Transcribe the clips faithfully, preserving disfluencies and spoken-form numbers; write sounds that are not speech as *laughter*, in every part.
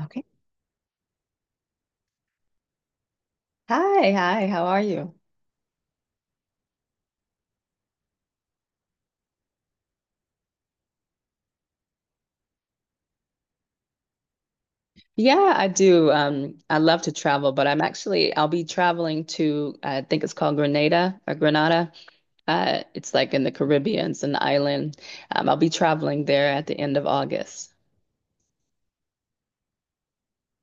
Okay. Hi, hi, how are you? Yeah, I do. Um, I love to travel, but I'm actually I'll be traveling to I think it's called Grenada or Grenada. Uh, it's like in the Caribbean, it's an island. Um, I'll be traveling there at the end of August.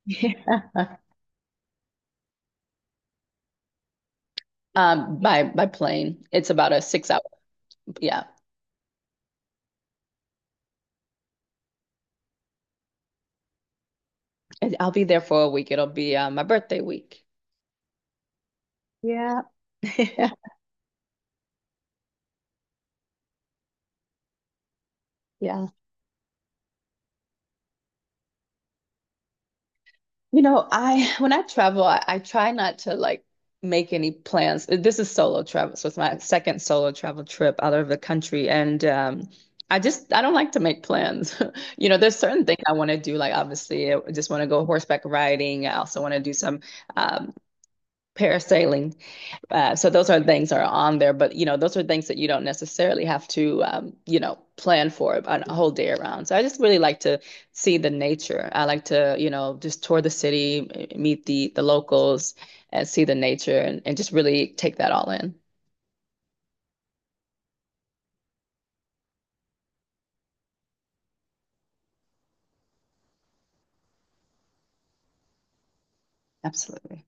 Yeah. *laughs* Um, by by plane. It's about a six hour. Yeah. And I'll be there for a week. It'll be uh, my birthday week. Yeah. *laughs* Yeah. You know, I when I travel, I, I try not to like make any plans. This is solo travel, so it's my second solo travel trip out of the country, and um, I just I don't like to make plans. *laughs* You know, there's certain things I want to do. Like obviously, I just want to go horseback riding. I also want to do some um, parasailing. Uh, so those are things that are on there, but you know, those are things that you don't necessarily have to, um, you know, plan for a whole day around. So I just really like to see the nature. I like to, you know, just tour the city, m- meet the the locals, and see the nature, and, and just really take that all in. Absolutely.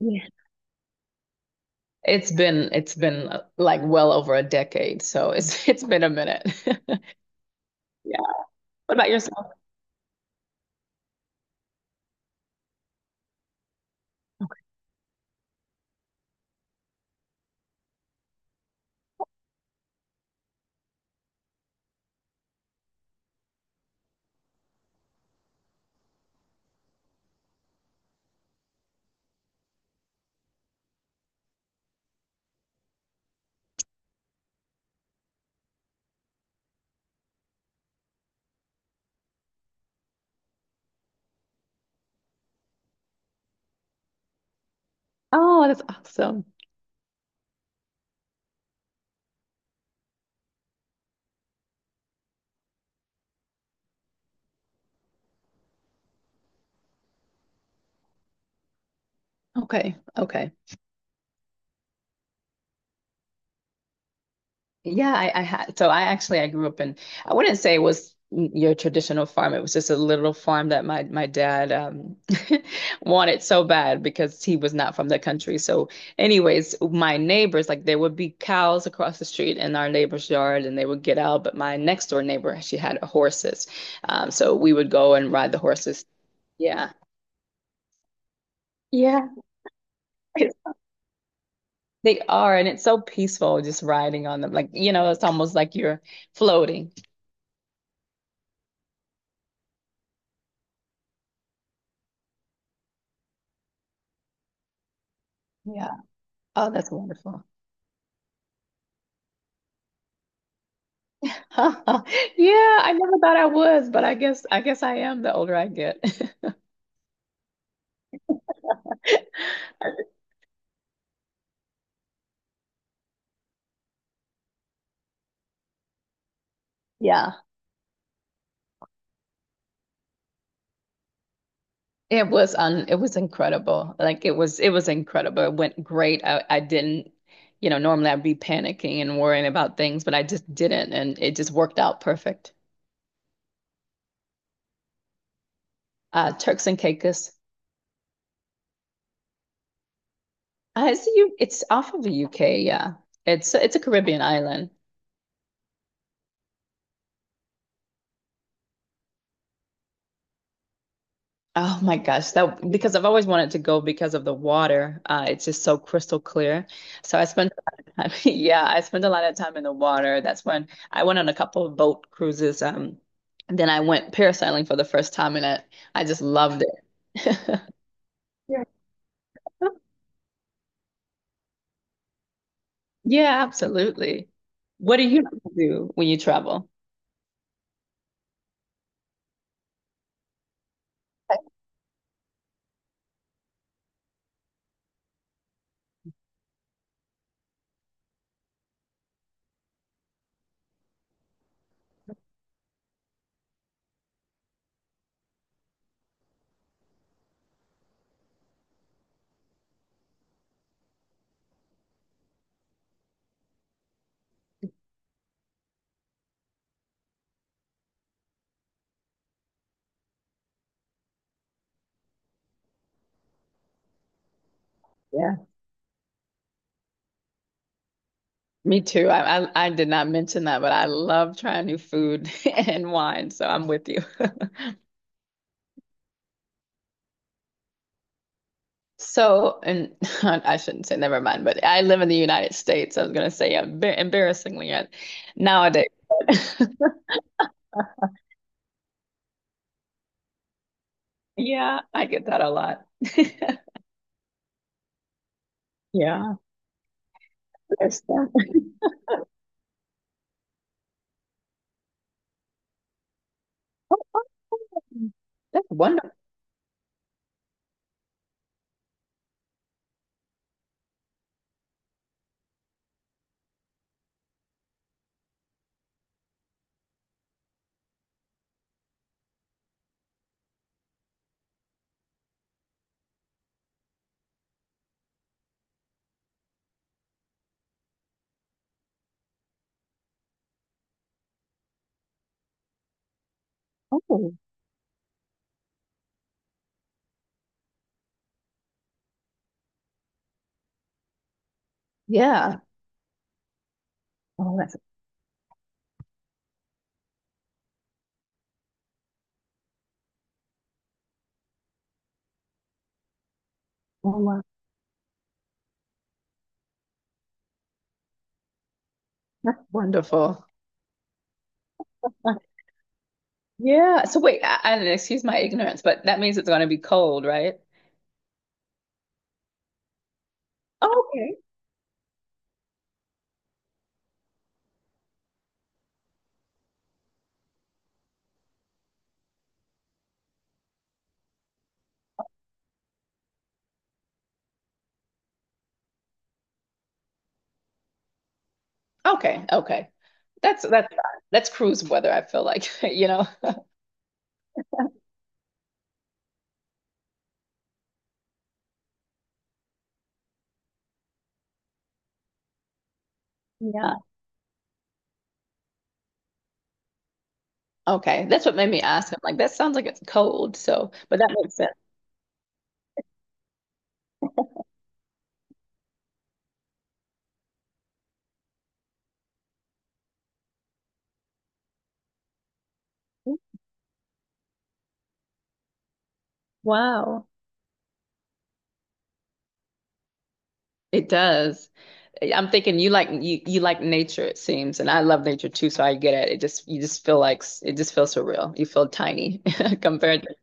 Yeah. It's been it's been uh, like well over a decade, so it's *laughs* it's been a minute. *laughs* Yeah. What about yourself? Oh, that's awesome. Okay. Okay. Yeah, I, I had so I actually I grew up in I wouldn't say it was your traditional farm. It was just a little farm that my my dad um *laughs* wanted so bad because he was not from the country. So anyways, my neighbors like there would be cows across the street in our neighbor's yard and they would get out, but my next door neighbor she had horses. Um so we would go and ride the horses. Yeah. Yeah. *laughs* They are, and it's so peaceful just riding on them. Like, you know, it's almost like you're floating. Yeah. Oh, that's wonderful. *laughs* Yeah, I never thought I was, but I guess I guess I am the older I get. *laughs* Yeah, it was un it was incredible. Like it was it was incredible. It went great. I I didn't, you know, normally I'd be panicking and worrying about things, but I just didn't, and it just worked out perfect. Uh, Turks and Caicos. Uh, it's you. It's off of the U K. Yeah, it's it's a Caribbean island. Oh my gosh, that because I've always wanted to go because of the water. Uh, it's just so crystal clear. So I spent, *laughs* I mean, yeah, I spent a lot of time in the water. That's when I went on a couple of boat cruises. Um, and then I went parasailing for the first time, and I, I just loved it. *laughs* Yeah. Yeah, absolutely. What do you do when you travel? Yeah. Me too. I, I I did not mention that, but I love trying new food *laughs* and wine, so I'm with you. So, and *laughs* I shouldn't say never mind, but I live in the United States. I was going to say embar embarrassingly uh, nowadays. *laughs* Yeah, I get that a lot. *laughs* Yeah, there's that. *laughs* That's wonderful. Oh, yeah. Oh, that's Oh, wow. That's wonderful. Uh, Yeah. So wait, I, I, excuse my ignorance, but that means it's going to be cold, right? Okay. Okay. Okay. That's that's fine. That's cruise weather, I feel like, *laughs* you know. Yeah. Okay, that's what made me ask. I'm like, that sounds like it's cold. So, but that makes sense. Wow, it does. I'm thinking you like you you like nature, it seems, and I love nature too. So I get it. It just you just feel like s- it just feels surreal. You feel tiny *laughs* compared to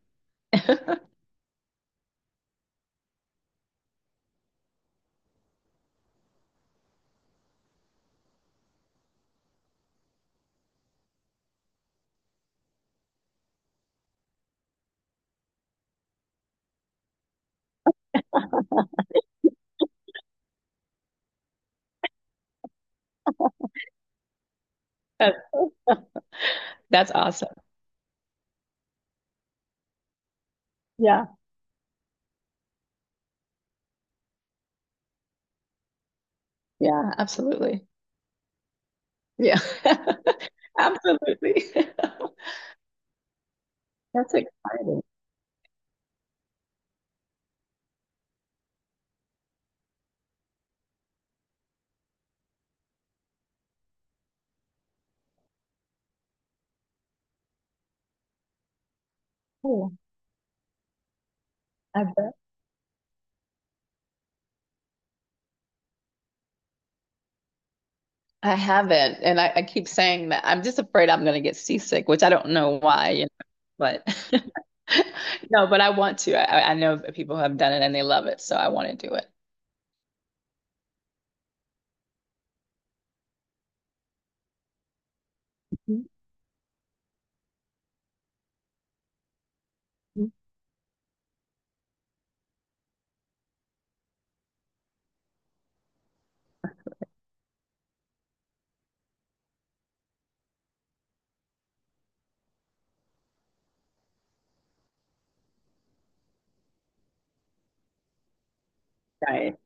that- that's awesome. Yeah, yeah, absolutely. Yeah, *laughs* absolutely. *laughs* That's exciting. Cool. I bet. I haven't, and I, I keep saying that I'm just afraid I'm going to get seasick, which I don't know why, you know, but *laughs* no, but I want to. I, I know that people have done it and they love it, so I want to do it. Mhm. Right.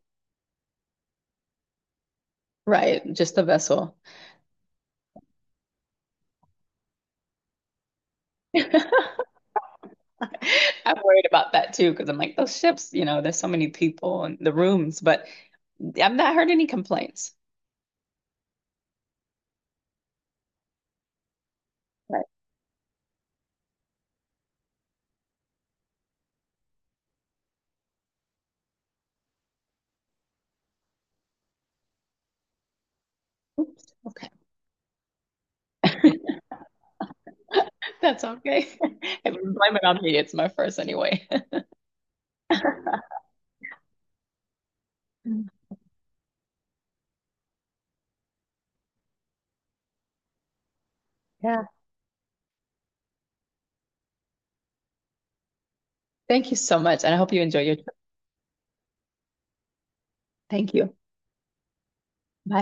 Right, just the vessel. *laughs* I'm worried about that too, because I'm like, those ships, you know, there's so many people in the rooms, but I've not heard any complaints. Right. Oops. Okay. *laughs* That's okay. *laughs* If you blame it on me, it's my first anyway. *laughs* Yeah. Thank you so much. And I hope you enjoy your trip. Thank you. Bye.